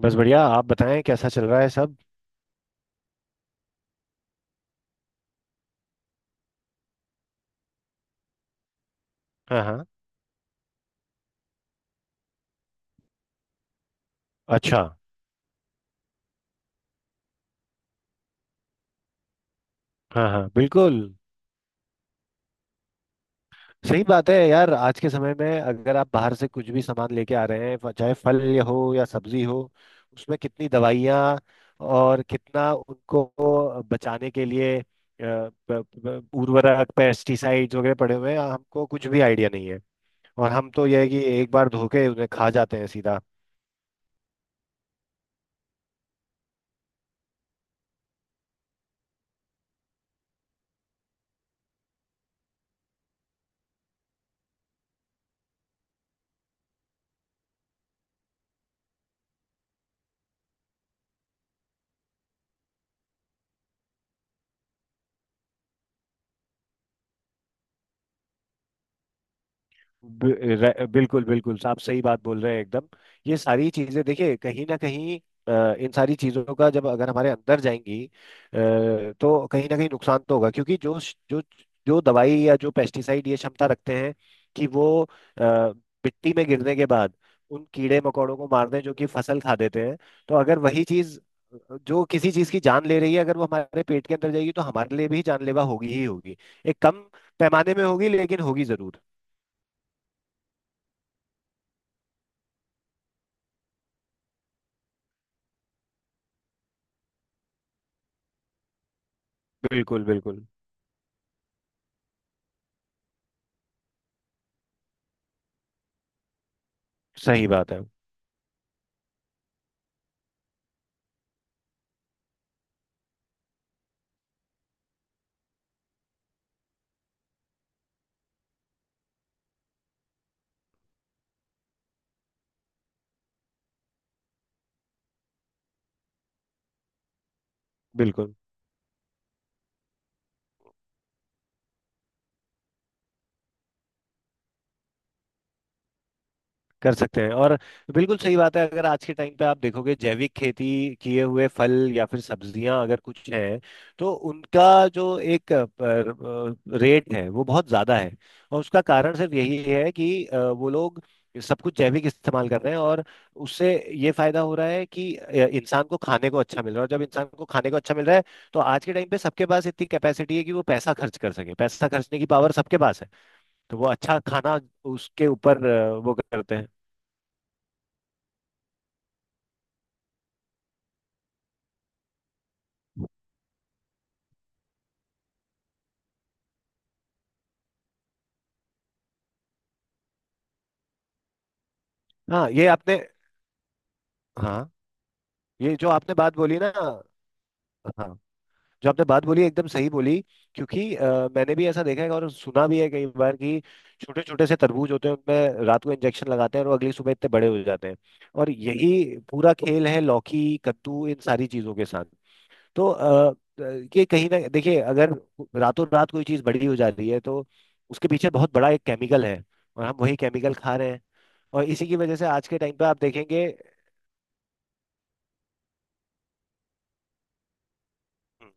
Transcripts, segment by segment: बस बढ़िया। आप बताएं, कैसा चल रहा है सब? हाँ हाँ। अच्छा। हाँ हाँ, बिल्कुल सही बात है यार। आज के समय में अगर आप बाहर से कुछ भी सामान लेके आ रहे हैं, चाहे फल या हो या सब्जी हो, उसमें कितनी दवाइयाँ और कितना उनको बचाने के लिए प- उर्वरक, पेस्टिसाइड्स वगैरह पड़े हुए हैं, हमको कुछ भी आइडिया नहीं है। और हम तो यह है कि एक बार धो के उन्हें खा जाते हैं सीधा। बिल्कुल बिल्कुल, आप सही बात बोल रहे हैं एकदम। ये सारी चीजें देखिए कहीं ना कहीं, इन सारी चीजों का जब अगर हमारे अंदर जाएंगी, तो कहीं ना कहीं नुकसान तो होगा। क्योंकि जो जो जो दवाई या जो पेस्टिसाइड, ये क्षमता रखते हैं कि वो अ, मिट्टी में गिरने के बाद उन कीड़े मकोड़ों को मारते हैं जो कि फसल खा देते हैं। तो अगर वही चीज जो किसी चीज की जान ले रही है, अगर वो हमारे पेट के अंदर जाएगी तो हमारे लिए भी जानलेवा होगी ही होगी। एक कम पैमाने में होगी, लेकिन होगी जरूर। बिल्कुल बिल्कुल। सही बात है। बिल्कुल कर सकते हैं। और बिल्कुल सही बात है। अगर आज के टाइम पे आप देखोगे, जैविक खेती किए हुए फल या फिर सब्जियां अगर कुछ हैं, तो उनका जो एक रेट है, वो बहुत ज्यादा है। और उसका कारण सिर्फ यही है कि वो लोग सब कुछ जैविक इस्तेमाल कर रहे हैं। और उससे ये फायदा हो रहा है कि इंसान को खाने को अच्छा मिल रहा है। और जब इंसान को खाने को अच्छा मिल रहा है, तो आज के टाइम पे सबके पास इतनी कैपेसिटी है कि वो पैसा खर्च कर सके। पैसा खर्चने की पावर सबके पास है। तो वो अच्छा खाना उसके ऊपर वो करते हैं। हाँ ये आपने। हाँ, ये जो आपने बात बोली ना। हाँ, जो आपने बात बोली, एकदम सही बोली। क्योंकि मैंने भी ऐसा देखा है और सुना भी है कई बार कि छोटे छोटे से तरबूज होते हैं, उनमें रात को इंजेक्शन लगाते हैं और वो अगली सुबह इतने बड़े हो जाते हैं। और यही पूरा खेल है लौकी, कद्दू, इन सारी चीजों के साथ। तो अ, ये कहीं ना देखिए, अगर रातों रात कोई चीज बड़ी हो जा रही है, तो उसके पीछे बहुत बड़ा एक केमिकल है। और हम वही केमिकल खा रहे हैं। और इसी की वजह से आज के टाइम पे आप देखेंगे। हम्म,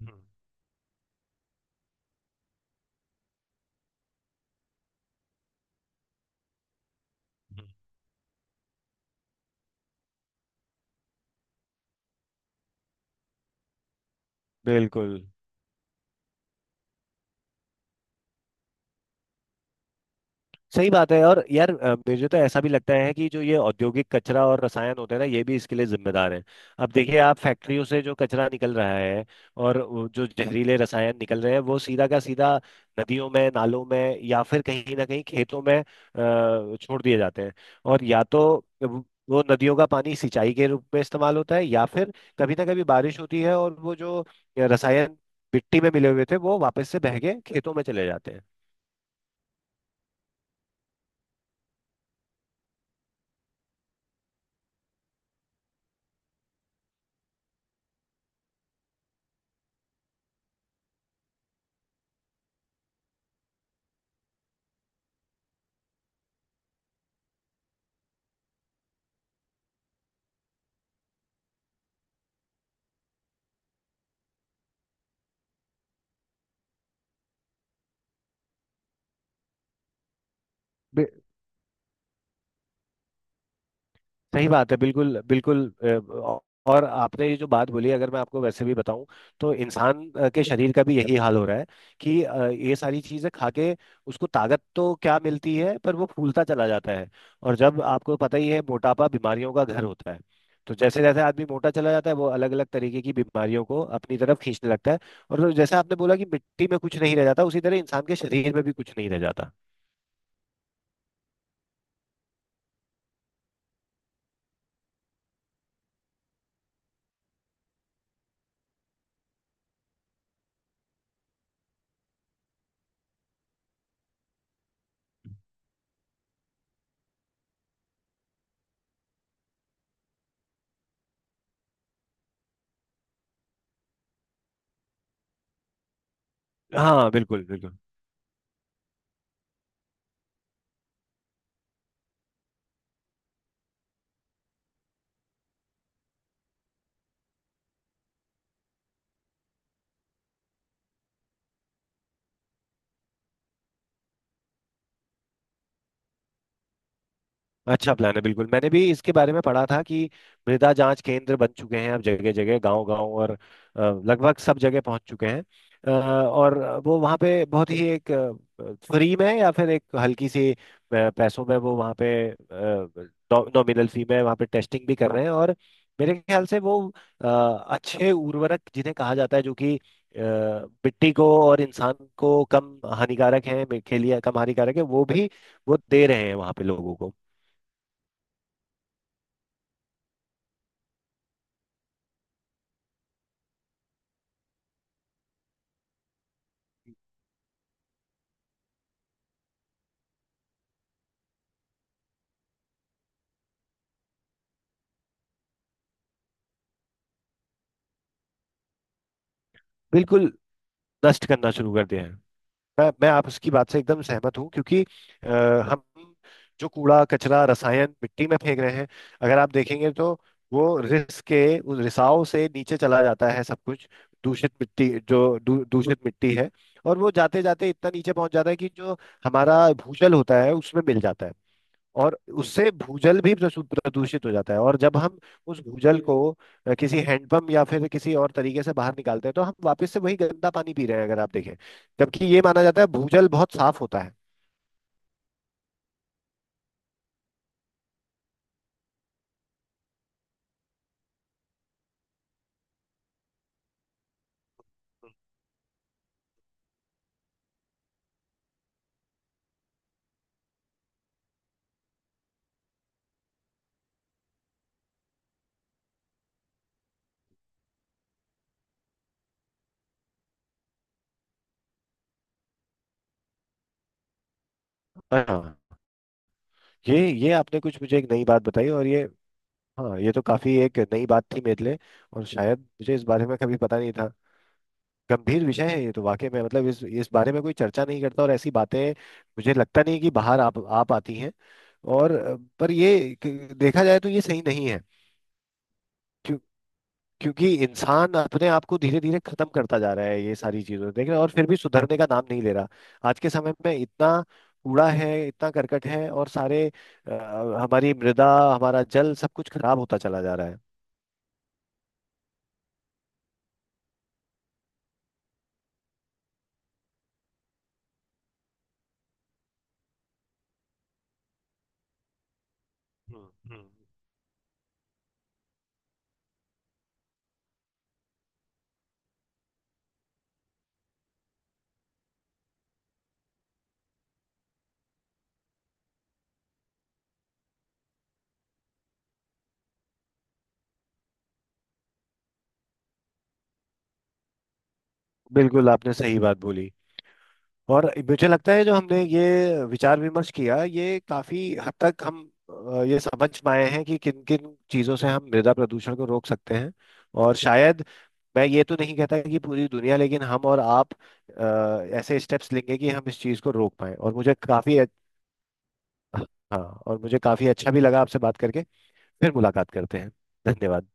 हम्म, हम्म। बिल्कुल सही बात है। और यार, मुझे तो ऐसा भी लगता है कि जो ये औद्योगिक कचरा और रसायन होते हैं ना, ये भी इसके लिए जिम्मेदार हैं। अब देखिए, आप फैक्ट्रियों से जो कचरा निकल रहा है और वो जो जहरीले रसायन निकल रहे हैं, वो सीधा का सीधा नदियों में, नालों में, या फिर कहीं ना कहीं खेतों में छोड़ दिए जाते हैं। और या तो वो नदियों का पानी सिंचाई के रूप में इस्तेमाल होता है, या फिर कभी ना कभी बारिश होती है और वो जो रसायन मिट्टी में मिले हुए थे, वो वापस से बह के खेतों में चले जाते हैं। सही बात है, बिल्कुल बिल्कुल। और आपने ये जो बात बोली, अगर मैं आपको वैसे भी बताऊं, तो इंसान के शरीर का भी यही हाल हो रहा है कि ये सारी चीजें खा के उसको ताकत तो क्या मिलती है, पर वो फूलता चला जाता है। और जब आपको पता ही है मोटापा बीमारियों का घर होता है, तो जैसे जैसे आदमी मोटा चला जाता है, वो अलग अलग तरीके की बीमारियों को अपनी तरफ खींचने लगता है। और फिर जैसे आपने बोला कि मिट्टी में कुछ नहीं रह जाता, उसी तरह इंसान के शरीर में भी कुछ नहीं रह जाता। हाँ, बिल्कुल बिल्कुल। अच्छा प्लान है, बिल्कुल। मैंने भी इसके बारे में पढ़ा था कि मृदा जांच केंद्र बन चुके हैं अब जगह जगह, गांव गांव, और लगभग सब जगह पहुंच चुके हैं। और वो वहाँ पे बहुत ही एक फ्री में या फिर एक हल्की सी पैसों में वो वहाँ पे, नॉमिनल फी में वहाँ पे टेस्टिंग भी कर रहे हैं। और मेरे ख्याल से वो अच्छे उर्वरक जिन्हें कहा जाता है, जो कि मिट्टी को और इंसान को कम हानिकारक हैं, के लिए कम हानिकारक है, वो भी वो दे रहे हैं वहाँ पे लोगों को। बिल्कुल। नष्ट करना शुरू कर दिया है। मैं आप उसकी बात से एकदम सहमत हूँ। क्योंकि हम जो कूड़ा कचरा, रसायन मिट्टी में फेंक रहे हैं, अगर आप देखेंगे तो वो रिस के, उस रिसाव से नीचे चला जाता है सब कुछ। दूषित मिट्टी, जो दूषित मिट्टी है, और वो जाते जाते इतना नीचे पहुंच जाता है कि जो हमारा भूजल होता है उसमें मिल जाता है। और उससे भूजल भी प्रदूषित हो जाता है। और जब हम उस भूजल को किसी हैंडपंप या फिर किसी और तरीके से बाहर निकालते हैं, तो हम वापस से वही गंदा पानी पी रहे हैं, अगर आप देखें। जबकि ये माना जाता है भूजल बहुत साफ होता है। हाँ। ये आपने कुछ मुझे एक नई बात बताई। और ये, हाँ, ये तो काफी एक नई बात थी मेरे लिए। और शायद मुझे इस बारे में कभी पता नहीं था। गंभीर विषय है ये, तो वाकई में मतलब इस बारे में कोई चर्चा नहीं करता। और ऐसी बातें मुझे लगता नहीं कि बाहर आप आ पाती हैं। और पर ये देखा जाए तो ये सही नहीं है। क्यों? क्योंकि इंसान अपने आप को धीरे धीरे खत्म करता जा रहा है, ये सारी चीजों से देख रहे हैं और फिर भी सुधरने का नाम नहीं ले रहा। आज के समय में इतना कूड़ा है, इतना करकट है, और सारे अ, हमारी मृदा, हमारा जल, सब कुछ खराब होता चला जा रहा है। हम्म हम्म। बिल्कुल आपने सही बात बोली। और मुझे लगता है जो हमने ये विचार विमर्श किया, ये काफी हद तक हम ये समझ पाए हैं कि किन किन चीजों से हम मृदा प्रदूषण को रोक सकते हैं। और शायद मैं ये तो नहीं कहता कि पूरी दुनिया, लेकिन हम और आप अ, ऐसे स्टेप्स लेंगे कि हम इस चीज को रोक पाए। और मुझे काफी हाँ, और मुझे काफी अच्छा भी लगा आपसे बात करके। फिर मुलाकात करते हैं। धन्यवाद।